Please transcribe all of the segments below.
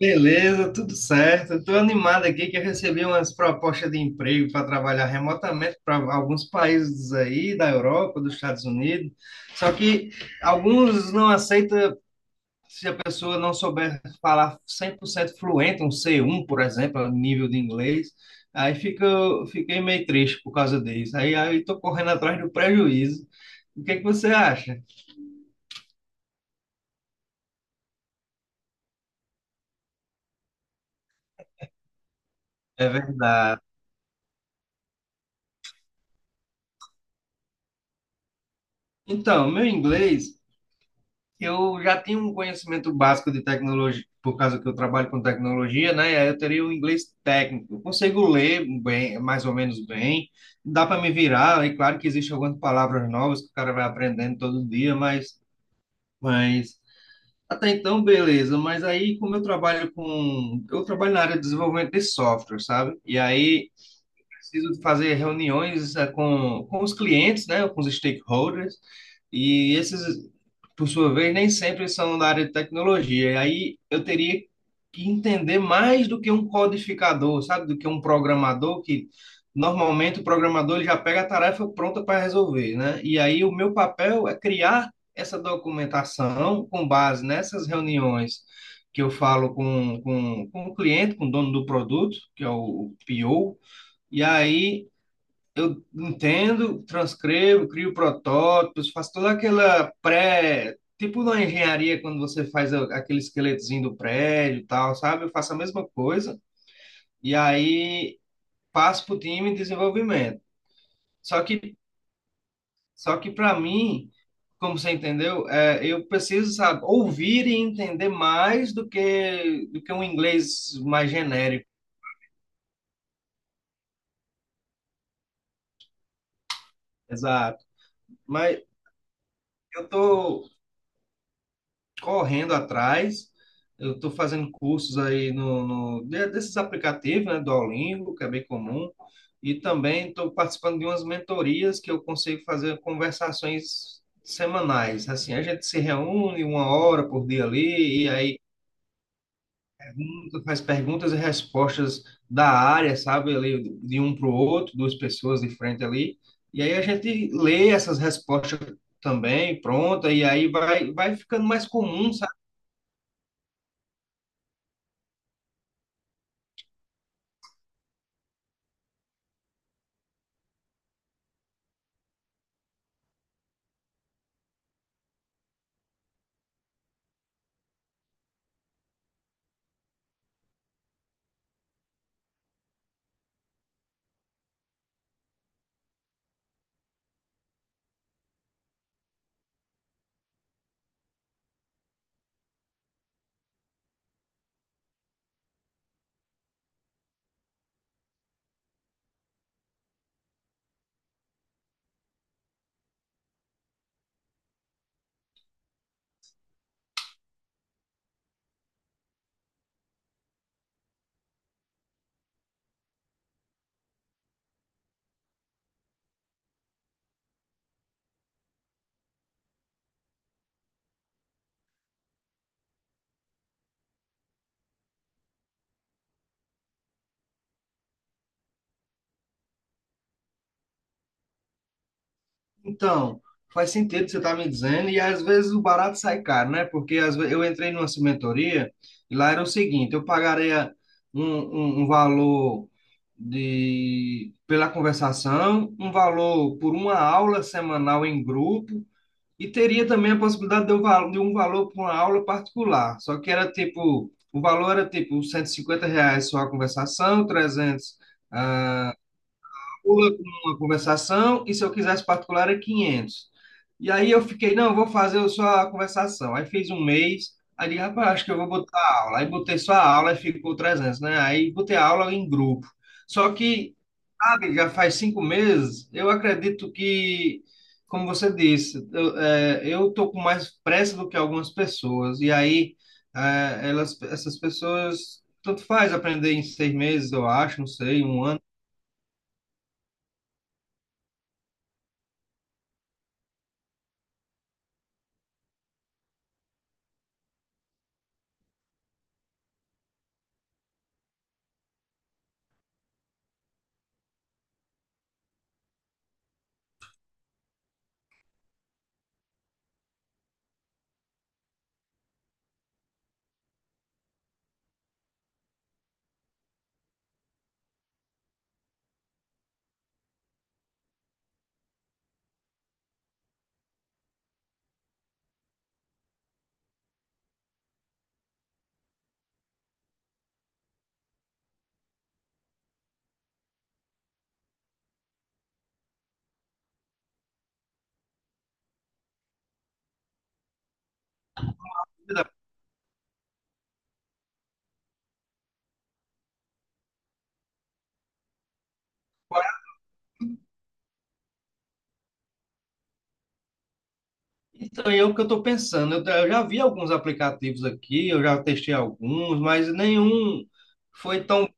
Beleza, tudo certo. Estou animado aqui que eu recebi umas propostas de emprego para trabalhar remotamente para alguns países aí da Europa, dos Estados Unidos. Só que alguns não aceitam se a pessoa não souber falar 100% fluente, um C1, por exemplo, nível de inglês. Aí fica, fiquei meio triste por causa disso. Aí estou correndo atrás do prejuízo. O que é que você acha? É verdade. Então, meu inglês eu já tenho um conhecimento básico de tecnologia, por causa que eu trabalho com tecnologia, né? E aí eu teria o inglês técnico. Eu consigo ler bem, mais ou menos bem, dá para me virar. E claro que existem algumas palavras novas que o cara vai aprendendo todo dia, mas até então, beleza. Mas aí, como eu trabalho com. eu trabalho na área de desenvolvimento de software, sabe? E aí preciso fazer reuniões com os clientes, né, com os stakeholders, e esses, por sua vez, nem sempre são da área de tecnologia. E aí eu teria que entender mais do que um codificador, sabe, do que um programador que normalmente o programador ele já pega a tarefa pronta para resolver, né? E aí o meu papel é criar essa documentação com base nessas reuniões que eu falo com o cliente, com o dono do produto, que é o PO, e aí eu entendo, transcrevo, crio protótipos, faço toda aquela pré, tipo na engenharia, quando você faz aquele esqueletozinho do prédio e tal, sabe? Eu faço a mesma coisa e aí passo para o time de desenvolvimento. Só que, só que para mim, como você entendeu, eu preciso, sabe, ouvir e entender mais do que um inglês mais genérico. Exato. Mas eu tô correndo atrás. Eu estou fazendo cursos aí desses aplicativos, né, do Duolingo, que é bem comum, e também estou participando de umas mentorias que eu consigo fazer conversações semanais. Assim, a gente se reúne uma hora por dia ali, e aí faz perguntas e respostas da área, sabe, ali, de um para o outro, duas pessoas de frente ali, e aí a gente lê essas respostas também, pronta, e aí vai, vai ficando mais comum. Então, faz sentido o que você está me dizendo, e às vezes o barato sai caro, né? Porque às vezes, eu entrei numa cimentoria e lá era o seguinte: eu pagaria um valor pela conversação, um valor por uma aula semanal em grupo, e teria também a possibilidade de um valor por uma aula particular. Só que era tipo: o valor era tipo R$ 150 reais só a conversação, 300 pula com uma conversação, e se eu quisesse particular é 500. E aí eu fiquei, não, eu vou fazer só a conversação. Aí fiz um mês, aí digo, rapaz, acho que eu vou botar a aula. Aí botei só a aula e ficou 300, né? Aí botei a aula em grupo. Só que, sabe, já faz 5 meses, eu acredito que, como você disse, eu, eu tô com mais pressa do que algumas pessoas. E aí, essas pessoas, tanto faz aprender em 6 meses, eu acho, não sei, um ano. Então, é o que eu estou pensando. Eu já vi alguns aplicativos aqui, eu já testei alguns, mas nenhum foi tão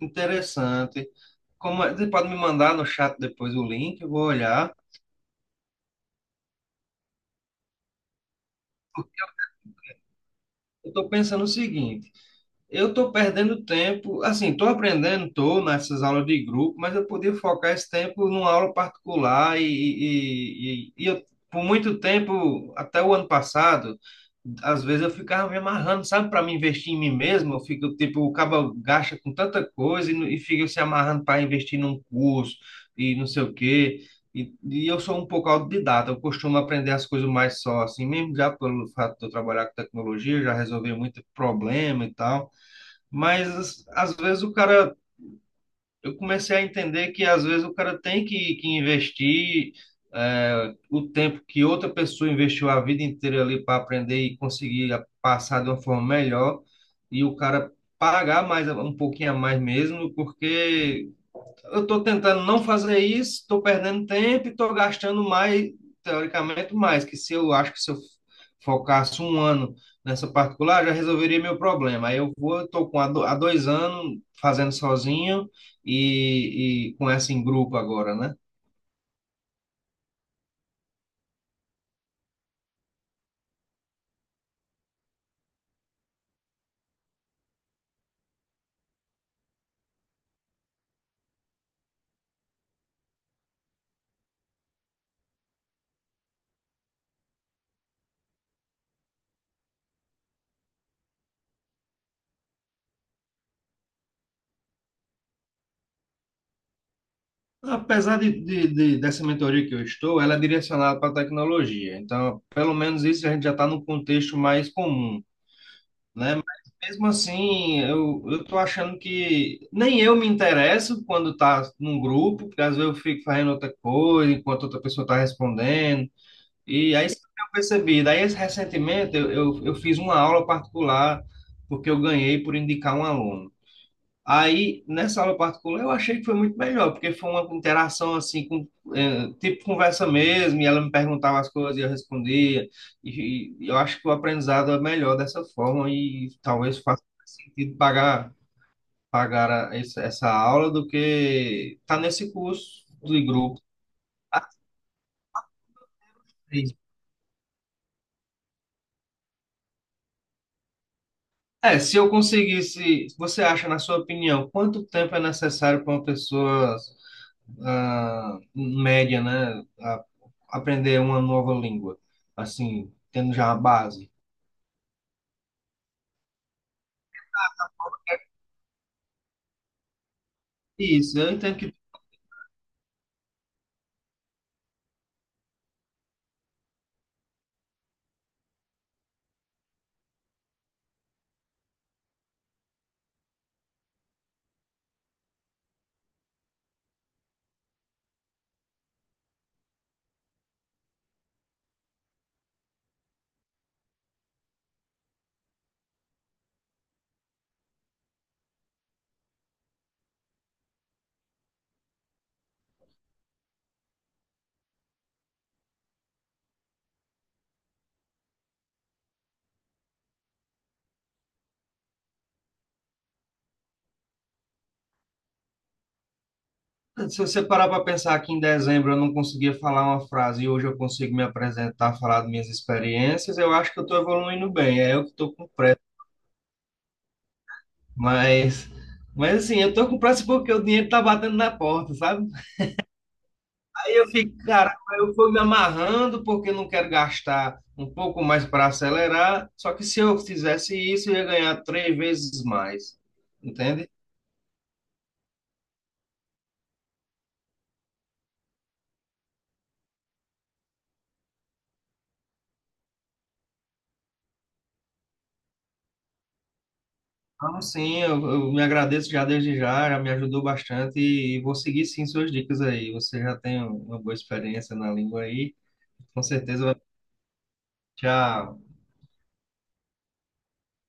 interessante. Como, você pode me mandar no chat depois o link, eu vou olhar. Eu estou pensando o seguinte. Eu estou perdendo tempo, assim, estou aprendendo, estou nessas aulas de grupo, mas eu podia focar esse tempo numa aula particular e eu, por muito tempo, até o ano passado, às vezes eu ficava me amarrando, sabe, para me investir em mim mesmo, eu fico, tipo, o cabo gasta com tanta coisa e, e fica se amarrando para investir num curso e não sei o quê. E eu sou um pouco autodidata, eu costumo aprender as coisas mais só, assim, mesmo já pelo fato de eu trabalhar com tecnologia, já resolvi muito problema e tal. Mas às vezes o cara, eu comecei a entender que às vezes o cara tem que investir o tempo que outra pessoa investiu a vida inteira ali para aprender e conseguir passar de uma forma melhor, e o cara pagar mais um pouquinho a mais mesmo, porque eu estou tentando não fazer isso, estou perdendo tempo e estou gastando mais, teoricamente, mais. Que se eu acho que se eu focasse um ano nessa particular, já resolveria meu problema. Aí eu vou, estou com há do- há 2 anos fazendo sozinho, e com essa em grupo agora, né? Apesar dessa mentoria que eu estou, ela é direcionada para a tecnologia. Então, pelo menos isso a gente já está no contexto mais comum, né? Mas mesmo assim, eu tô achando que nem eu me interesso quando tá num grupo, porque às vezes eu fico fazendo outra coisa enquanto outra pessoa tá respondendo. E aí isso que eu percebi. Daí recentemente eu fiz uma aula particular porque eu ganhei por indicar um aluno. Aí, nessa aula particular, eu achei que foi muito melhor, porque foi uma interação assim, tipo conversa mesmo, e ela me perguntava as coisas e eu respondia. E eu acho que o aprendizado é melhor dessa forma, e talvez faça mais sentido pagar, essa aula do que estar nesse curso de grupo. É, se eu conseguisse, você acha, na sua opinião, quanto tempo é necessário para uma pessoa média, né? Aprender uma nova língua, assim, tendo já a base. Isso, eu entendo que se você parar para pensar que em dezembro eu não conseguia falar uma frase e hoje eu consigo me apresentar, falar das minhas experiências, eu acho que eu estou evoluindo bem. É eu que estou com pressa, mas, mas, assim, eu estou com pressa porque o dinheiro está batendo na porta, sabe? Aí eu fico, cara, eu fui me amarrando porque eu não quero gastar um pouco mais para acelerar. Só que se eu fizesse isso, eu ia ganhar três vezes mais. Entende? Então, sim, eu me agradeço já desde já, já me ajudou bastante e vou seguir sim suas dicas aí. Você já tem uma boa experiência na língua aí, com certeza vai já